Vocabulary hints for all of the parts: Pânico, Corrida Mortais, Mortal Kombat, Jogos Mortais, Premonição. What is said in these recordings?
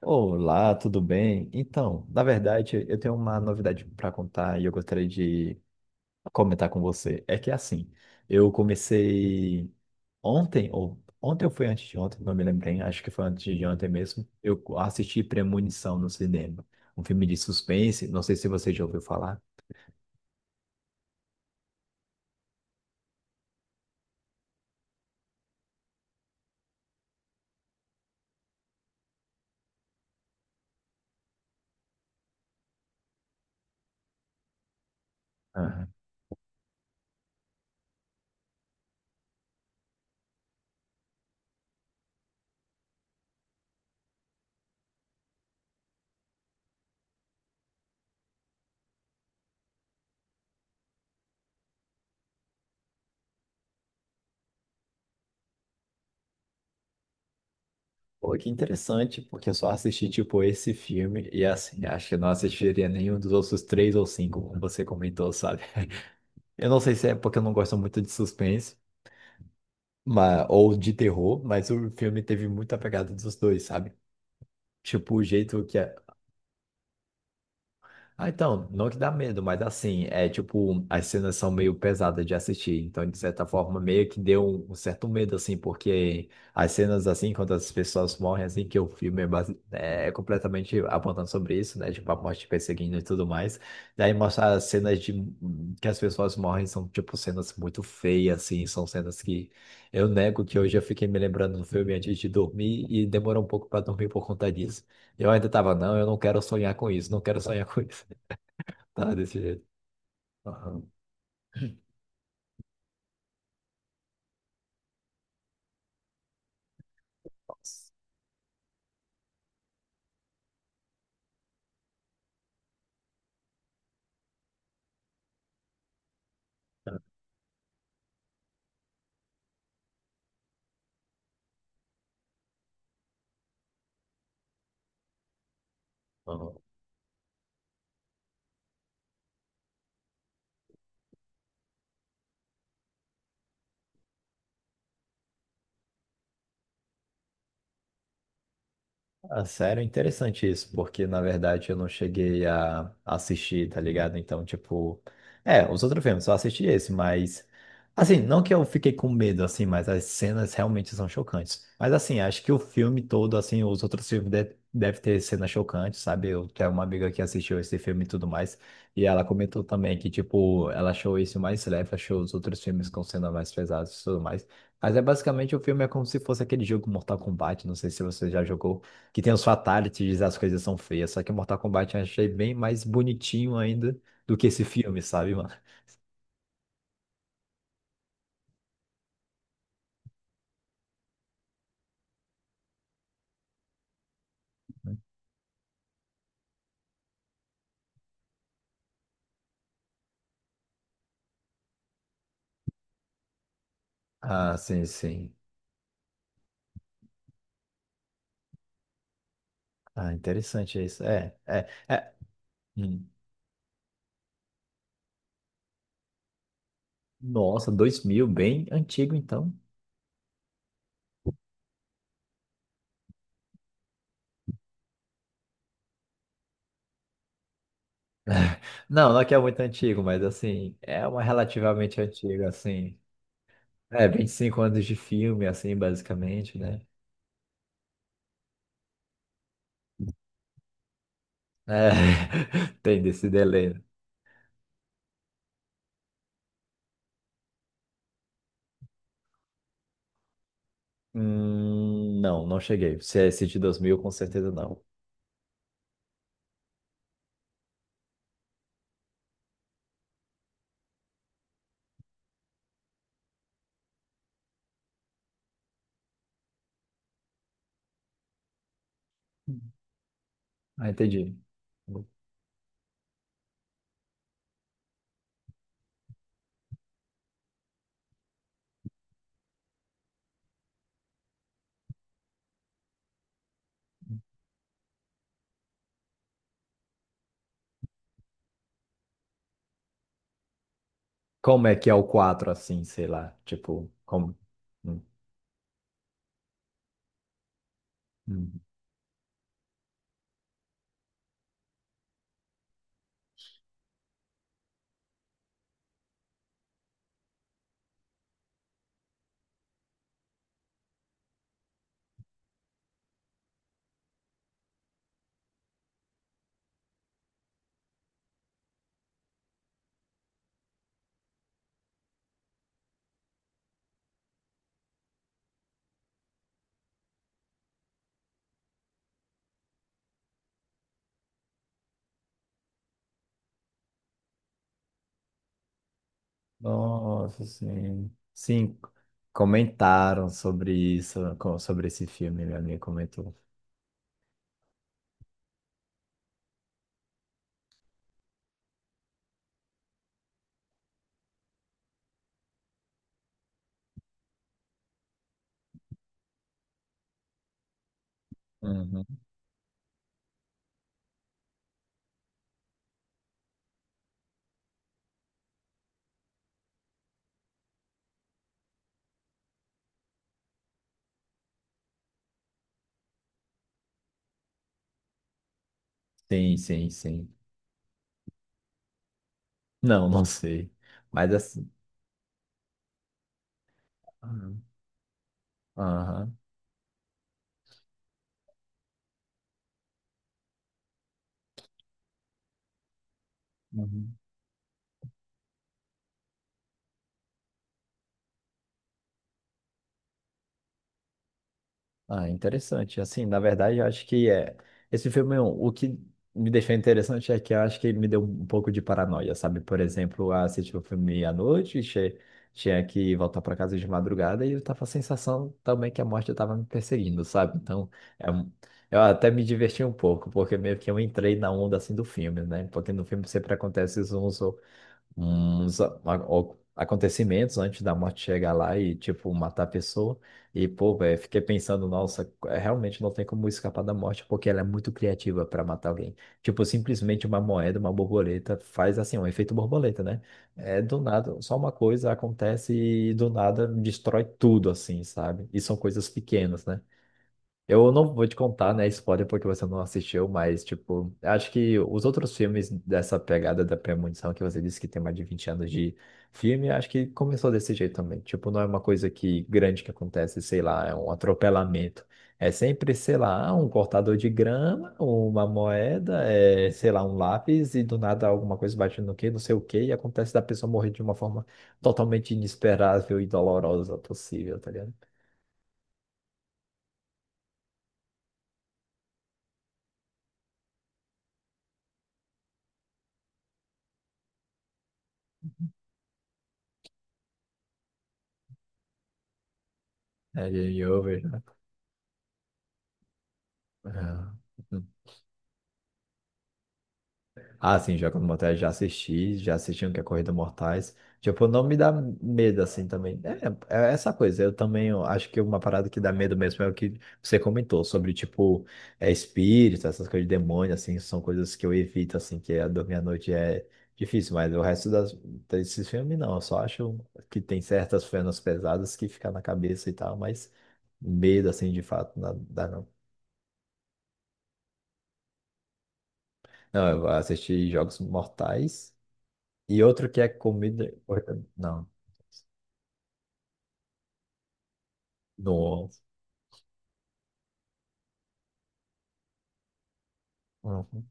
Olá, tudo bem? Então, na verdade, eu tenho uma novidade para contar e eu gostaria de comentar com você. É que assim, eu comecei ontem, ou ontem ou foi antes de ontem, não me lembro bem, acho que foi antes de ontem mesmo. Eu assisti Premonição no cinema, um filme de suspense, não sei se você já ouviu falar. Aham. Pô, que interessante, porque eu só assisti, tipo, esse filme e, assim, acho que eu não assistiria nenhum dos outros três ou cinco, como você comentou, sabe? Eu não sei se é porque eu não gosto muito de suspense, ou de terror, mas o filme teve muita pegada dos dois, sabe? Tipo, o jeito que ah, então, não que dá medo, mas assim, é tipo, as cenas são meio pesadas de assistir, então de certa forma meio que deu um certo medo, assim, porque as cenas assim, quando as pessoas morrem, assim, que o filme é, é completamente apontando sobre isso, né, tipo, a morte perseguindo e tudo mais, daí mostra as cenas de que as pessoas morrem, são tipo cenas muito feias, assim, são cenas que eu nego que hoje eu fiquei me lembrando do filme antes de dormir e demorou um pouco para dormir por conta disso. Eu ainda tava, não, eu não quero sonhar com isso, não quero sonhar com isso. Tá, desse jeito. Aham. Nossa. Aham. Ah, sério, é interessante isso, porque na verdade eu não cheguei a assistir, tá ligado? Então, tipo, é, os outros filmes, só assisti esse, mas assim, não que eu fiquei com medo, assim, mas as cenas realmente são chocantes. Mas assim, acho que o filme todo, assim, os outros filmes de deve ter cenas chocantes, sabe? Eu tenho uma amiga que assistiu esse filme e tudo mais, e ela comentou também que, tipo, ela achou isso mais leve, achou os outros filmes com cenas mais pesadas e tudo mais. Mas é basicamente o filme é como se fosse aquele jogo Mortal Kombat, não sei se você já jogou que tem os fatalities, as coisas são feias. Só que Mortal Kombat eu achei bem mais bonitinho ainda do que esse filme, sabe, mano? Ah, sim, sim. Ah, interessante isso. É, é, é. Hum. Nossa, 2000, bem antigo então. Não, não é que é muito antigo, mas assim, é uma relativamente antiga, assim. É, 25 anos de filme, assim, basicamente, né? É, tem desse delay. Não, não cheguei. Se é esse de 2000, com certeza não. Ah, entendi. Como é que é o 4 assim, sei lá? Tipo, como. Hum, hum. Nossa, sim. Sim, comentaram sobre isso, sobre esse filme, minha amiga comentou. Uhum. Sim, sim, sim. Não, não sei. Mas assim. Aham. Aham. Uhum. Ah, interessante. Assim, na verdade, eu acho que é. Esse filme, o que me deixou interessante é que eu acho que ele me deu um pouco de paranoia, sabe? Por exemplo, eu assisti o filme à noite, tinha que voltar para casa de madrugada e eu tava com a sensação também que a morte estava me perseguindo, sabe? Então, é um- eu até me diverti um pouco, porque meio que eu entrei na onda assim do filme, né? Porque no filme sempre acontece uns acontecimentos antes da morte chegar lá e, tipo, matar a pessoa. E, pô, velho, fiquei pensando, nossa, é, realmente não tem como escapar da morte, porque ela é muito criativa para matar alguém. Tipo, simplesmente uma moeda, uma borboleta, faz assim, um efeito borboleta, né? É do nada, só uma coisa acontece e do nada destrói tudo, assim, sabe? E são coisas pequenas, né? Eu não vou te contar, né, spoiler, porque você não assistiu, mas, tipo, acho que os outros filmes dessa pegada da premonição, que você disse que tem mais de 20 anos de filme, acho que começou desse jeito também. Tipo, não é uma coisa que grande que acontece, sei lá, é um atropelamento. É sempre, sei lá, ah, um cortador de grama, uma moeda, é, sei lá, um lápis, e do nada alguma coisa bate no quê, não sei o quê, e acontece da pessoa morrer de uma forma totalmente inesperável e dolorosa possível, tá ligado? É game over, né? Ah. Ah, sim, Jogos Mortais já assisti um que é Corrida Mortais. Tipo, não me dá medo assim também. É, é essa coisa. Eu também eu acho que uma parada que dá medo mesmo é o que você comentou sobre, tipo, é espírito, essas coisas de demônio, assim, são coisas que eu evito, assim, que é dormir à noite é difícil, mas o resto das, desses filmes não. Eu só acho que tem certas cenas pesadas que ficam na cabeça e tal, mas medo, assim, de fato, não dá não. Não, eu assisti Jogos Mortais. E outro que é comida. Não. No. Uhum.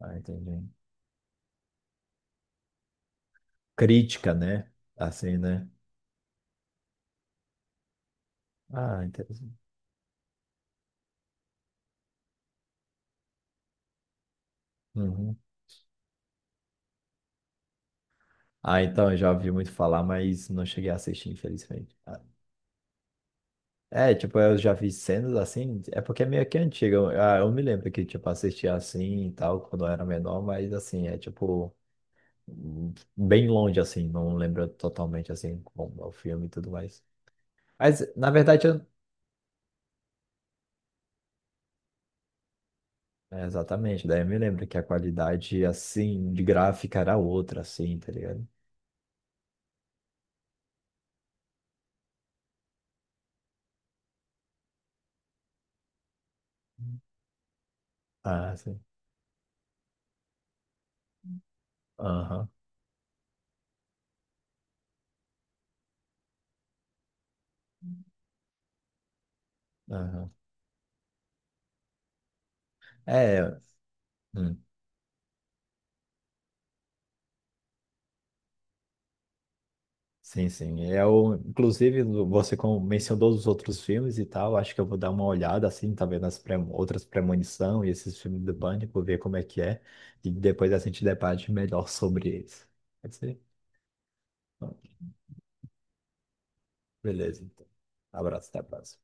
Ah, entendi. Crítica, né? Assim, né? Ah, interessante. Uhum. Ah, então, eu já ouvi muito falar, mas não cheguei a assistir, infelizmente. Ah, é, tipo, eu já vi cenas assim, é porque é meio que antiga. Ah, eu me lembro que, tipo, assistia assim e tal, quando eu era menor, mas assim, é tipo, bem longe, assim, não lembro totalmente, assim, como é o filme e tudo mais. Mas, na verdade, eu. É, exatamente, daí eu me lembro que a qualidade, assim, de gráfica era outra, assim, tá ligado? Ah, sim. Aham, aham. É, hum, sim, sim. Eu, inclusive, você mencionou os outros filmes e tal, acho que eu vou dar uma olhada, assim, tá vendo as outras Premonição e esses filmes do Pânico, ver como é que é, e depois a gente debate melhor sobre eles. Pode ser? Bom, beleza, então. Abraço, até a próxima.